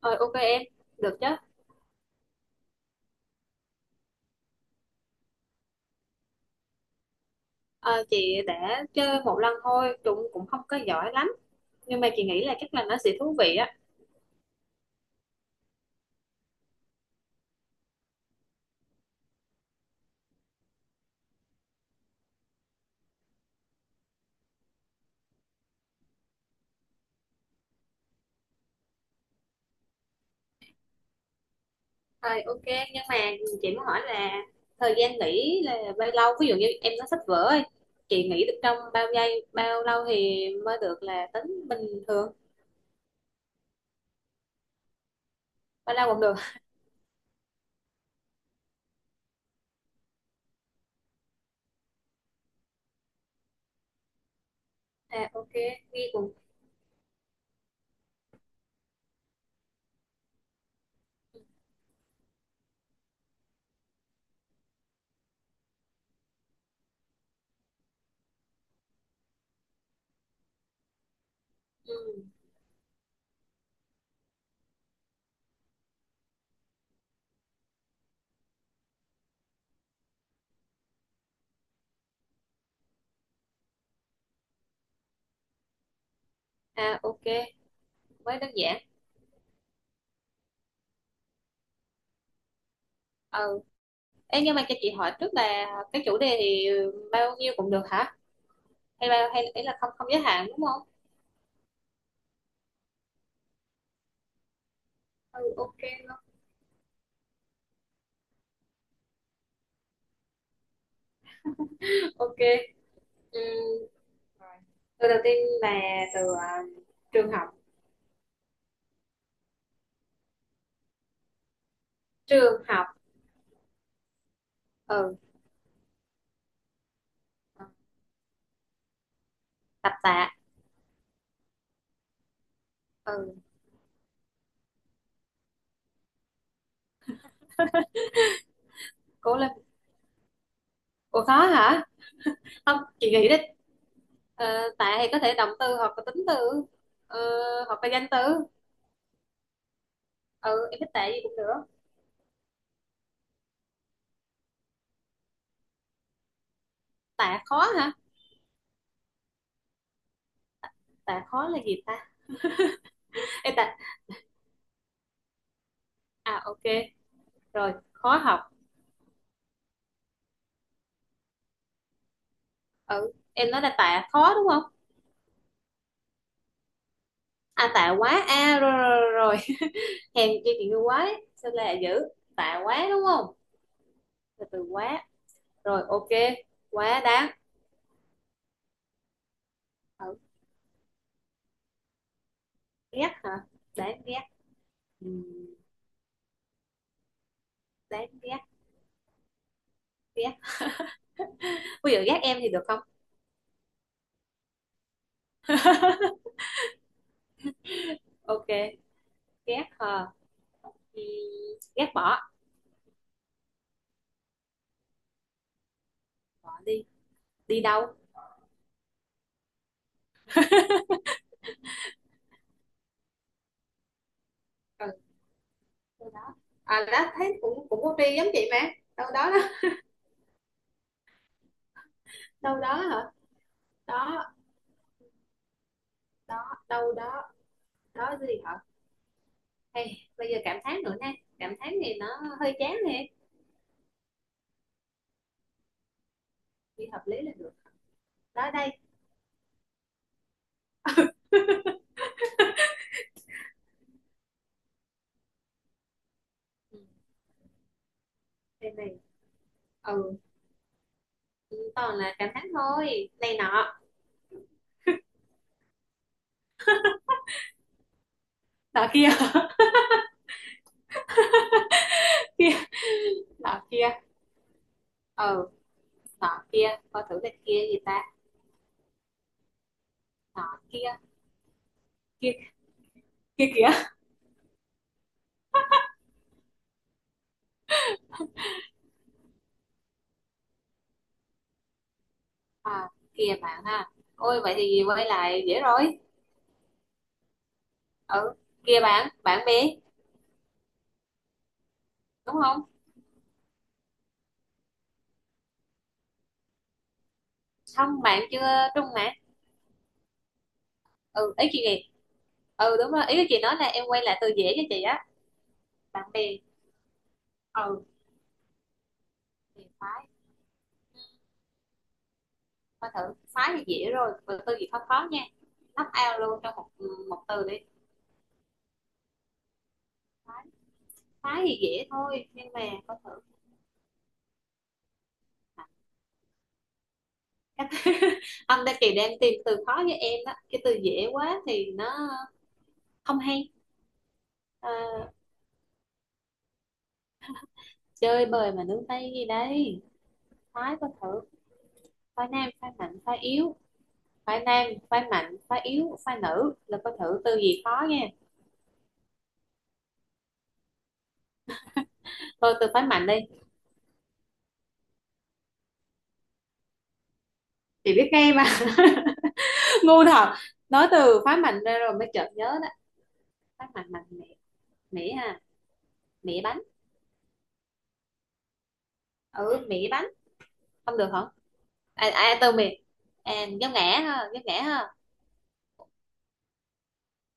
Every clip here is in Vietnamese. Ờ, ok em, được chứ. Ờ, chị đã chơi một lần thôi, cũng cũng không có giỏi lắm. Nhưng mà chị nghĩ là chắc là nó sẽ thú vị á. Ờ, ok, nhưng mà chị muốn hỏi là thời gian nghỉ là bao lâu? Ví dụ như em nó sách vở ấy, chị nghỉ được trong bao giây, bao lâu thì mới được là tính bình thường? Bao lâu cũng được. À, ok, ghi cùng. Ừ. À, ok, mới đơn giản. Ừ. Ê, nhưng mà cho chị hỏi trước là cái chủ đề thì bao nhiêu cũng được hả? Hay bao hay ý là không không giới hạn đúng không? Ừ, ok luôn. Ok. Ừm, rồi. Từ đầu tiên là từ trường học. Trường học. Ừ, tập tạ. Ừ, cố lên. Ủa khó hả? Không, chị nghĩ đi. Ờ, tạ thì có thể động từ hoặc là tính từ, ờ, hoặc là danh từ. Ừ, em thích tạ gì cũng được. Tạ khó hả? Tạ khó là gì ta? Ê, tạ. À, ok, rồi khó học. Ừ, em nói là tạ khó đúng không? À, tạ quá a, rồi rồi rồi, rồi. Hèn chi chị như quá đấy sao là dữ. Tạ quá đúng không? Từ từ quá. Rồi ok, quá đáng. Ở, ghét hả? Đáng ghét. Ừ, đáng ghét. Ghét. Bây giờ ghét em thì được không? Ok, ghét hả? Ừm, ghét bỏ. Bỏ đi. Đi đâu? Ừ, đâu đó. À đó thấy cũng cũng có đi giống chị mà. Đâu đó đó đâu đó hả? Đó. Đó, đâu đó. Đó gì hả? Hey, bây giờ cảm thán nữa nè. Cảm thán thì nó hơi chán nè. Thì hợp lý là được. Đó đây. Ừ, đây này. Ừ, toàn là cảm thán thôi, này nọ. Nọ kia. Kia, nọ kia. Ờ, nọ kia coi thử là kia gì ta? Nọ kia. Kia, kia kìa. À, kia bạn ha. Ôi vậy thì quay lại dễ rồi. Ừ, kia bạn, bạn bè đúng không? Không, bạn chưa trung mà. Ừ ý chị gì. Ừ đúng rồi, ý chị nói là em quay lại từ dễ cho chị á. Bạn bè. Ừ, thì phái. Coi thử phái thì dễ rồi, từ từ gì khó khó nha. Lắp ao luôn trong một một từ đi. Phái. Phái thì dễ thôi nhưng mà coi thử. Cách- anh đang kỳ đang tìm từ khó với em đó, cái từ dễ quá thì nó không hay. Ờ, chơi bời mà nướng tay gì đây. Phái có thử. Phái nam, phái mạnh, phái yếu. Phái nam phái mạnh phái yếu phái nữ là có thử từ gì khó nha. Thôi từ phái mạnh đi. Chị biết ngay mà. Ngu thật. Nói từ phái mạnh ra rồi mới chợt nhớ đó. Phái mạnh, mạnh mẹ. Mẹ à, mẹ bánh. Ừ mẹ bánh. Không được hả? À, từ mẹ. À, giống ngã ha, giống ngã ha.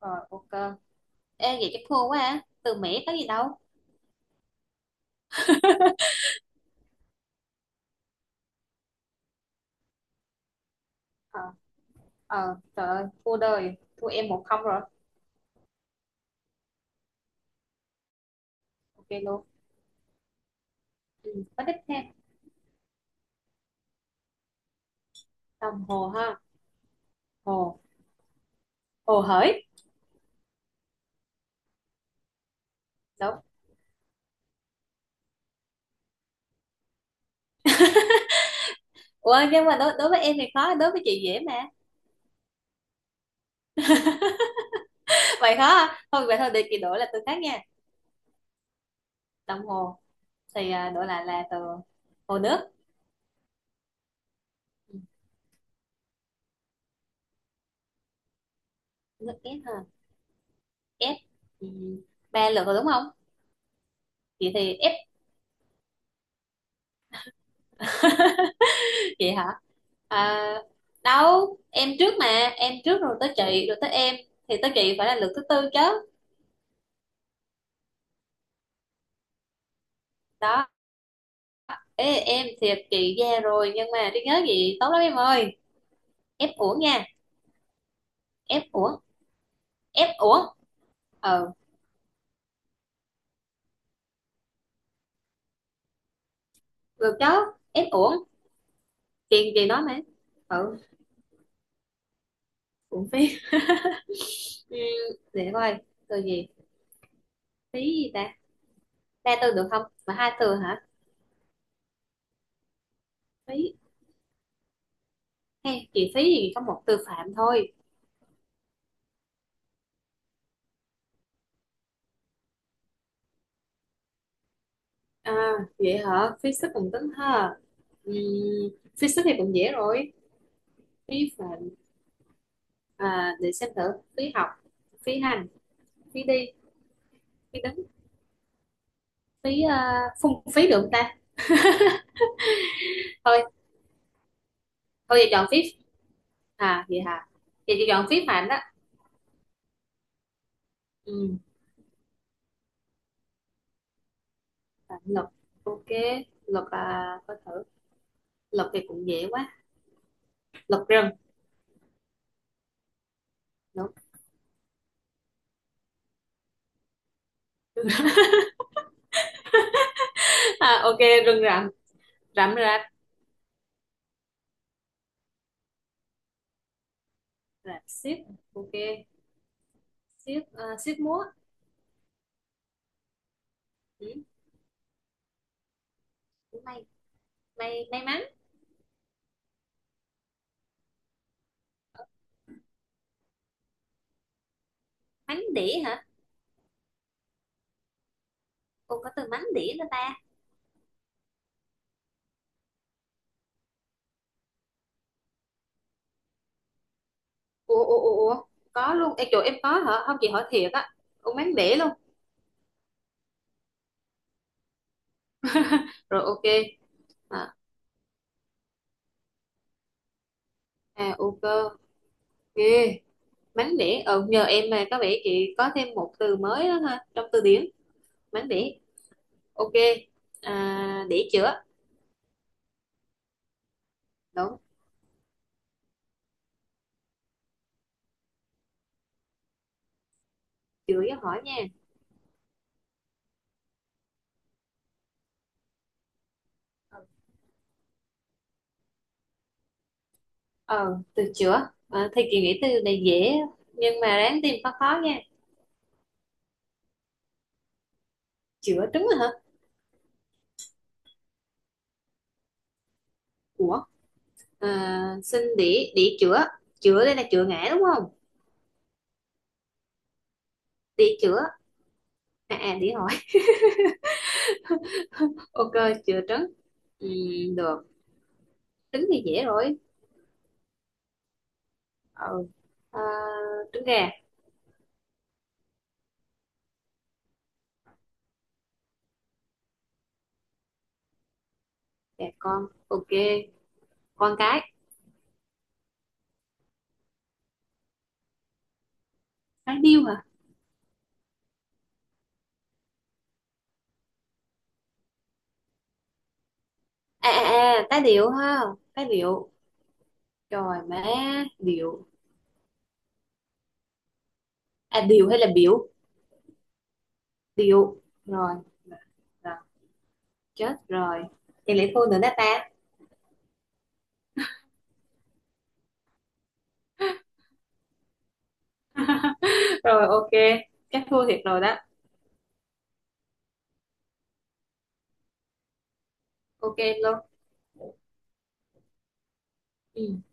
Rồi ok. Ê vậy chắc thua quá à. Từ Mỹ tới gì đâu. Ờ. Ờ, trời ơi thua đời. Thua em 1-0 rồi. Ok luôn. Ừ, có tiếp theo. Đồng hồ ha. Hồ, hồ hởi. Đúng. Ủa nhưng mà đối với em thì khó, đối với chị dễ mà. Vậy khó à? Thôi vậy thôi, để chị đổi là từ khác nha. Đồng hồ. Thì đổi lại là từ hồ nước. Ừ. Nước ép ha. Ép. Ừ, ba lượt rồi đúng không? Chị thì ép. Chị hả? À, đâu em trước mà. Em trước rồi tới chị, rồi tới em. Thì tới chị phải là lượt thứ tư chứ. Đó. Ê, em thiệt chị ra rồi nhưng mà trí nhớ gì tốt lắm em ơi. Ép uổng nha. Ép uổng. Ép uổng. Ờ, được chứ, ép uổng, chuyện gì đó mà. Ừ uổng phí. Ừ, để coi từ gì, phí gì ta. Ba từ được không mà hai từ hả? Phí. Hay chị phí gì có một từ phạm thôi. À vậy hả, phí sức cùng tính ha. Ừ, phí sức thì cũng dễ rồi. Phí phạm. À, để xem thử. Phí học, phí hành, phí đi, phí đứng, phí phung phí được không ta? Ừ, thôi chị chọn phím. À vậy hả, chị chọn phím mạnh á. Ừ. À, lộc. Ok, lộc à có thử, lộc thì cũng dễ quá, lộc rừng. Đúng. À, ok, rừng rậm. Rậm rạp. Rạp xiếc. Ok, xiếc xiếc múa. Ừ. May, may may mắn. Mắn đĩa hả? Cô có từ mắn đĩa nữa ta? Ủa ủa ủa ủa. Có luôn em chỗ em có hả không chị hỏi thiệt á? Ủa mắn đĩa luôn. Rồi ok. À, à ok, ok. Mánh đĩa, ờ nhờ em mà có vẻ chị có thêm một từ mới đó ha, trong từ điển. Mánh đĩa. Ok. À, để chữa. Đúng. Chữa với hỏi nha. Ờ từ chữa thì chị nghĩ từ này dễ nhưng mà ráng tìm khó khó nha. Chữa trứng rồi hả? Ủa. À, xin để chữa. Chữa đây là chữa ngã đúng không? Để chữa. À, để hỏi. Ok, chữa trứng. Ừ, được. Trứng thì dễ rồi. Ờ, à, trứng gà. Gà con ok. Con cái. Cái điêu hả? À, tá điệu ha. Tá điệu. Trời má, điệu. À điệu hay là biểu. Điệu rồi. Rồi, chết rồi, thì lại thua nữa đó ta. Rồi ok, chắc thua thiệt rồi đó. Ok luôn. Ừ.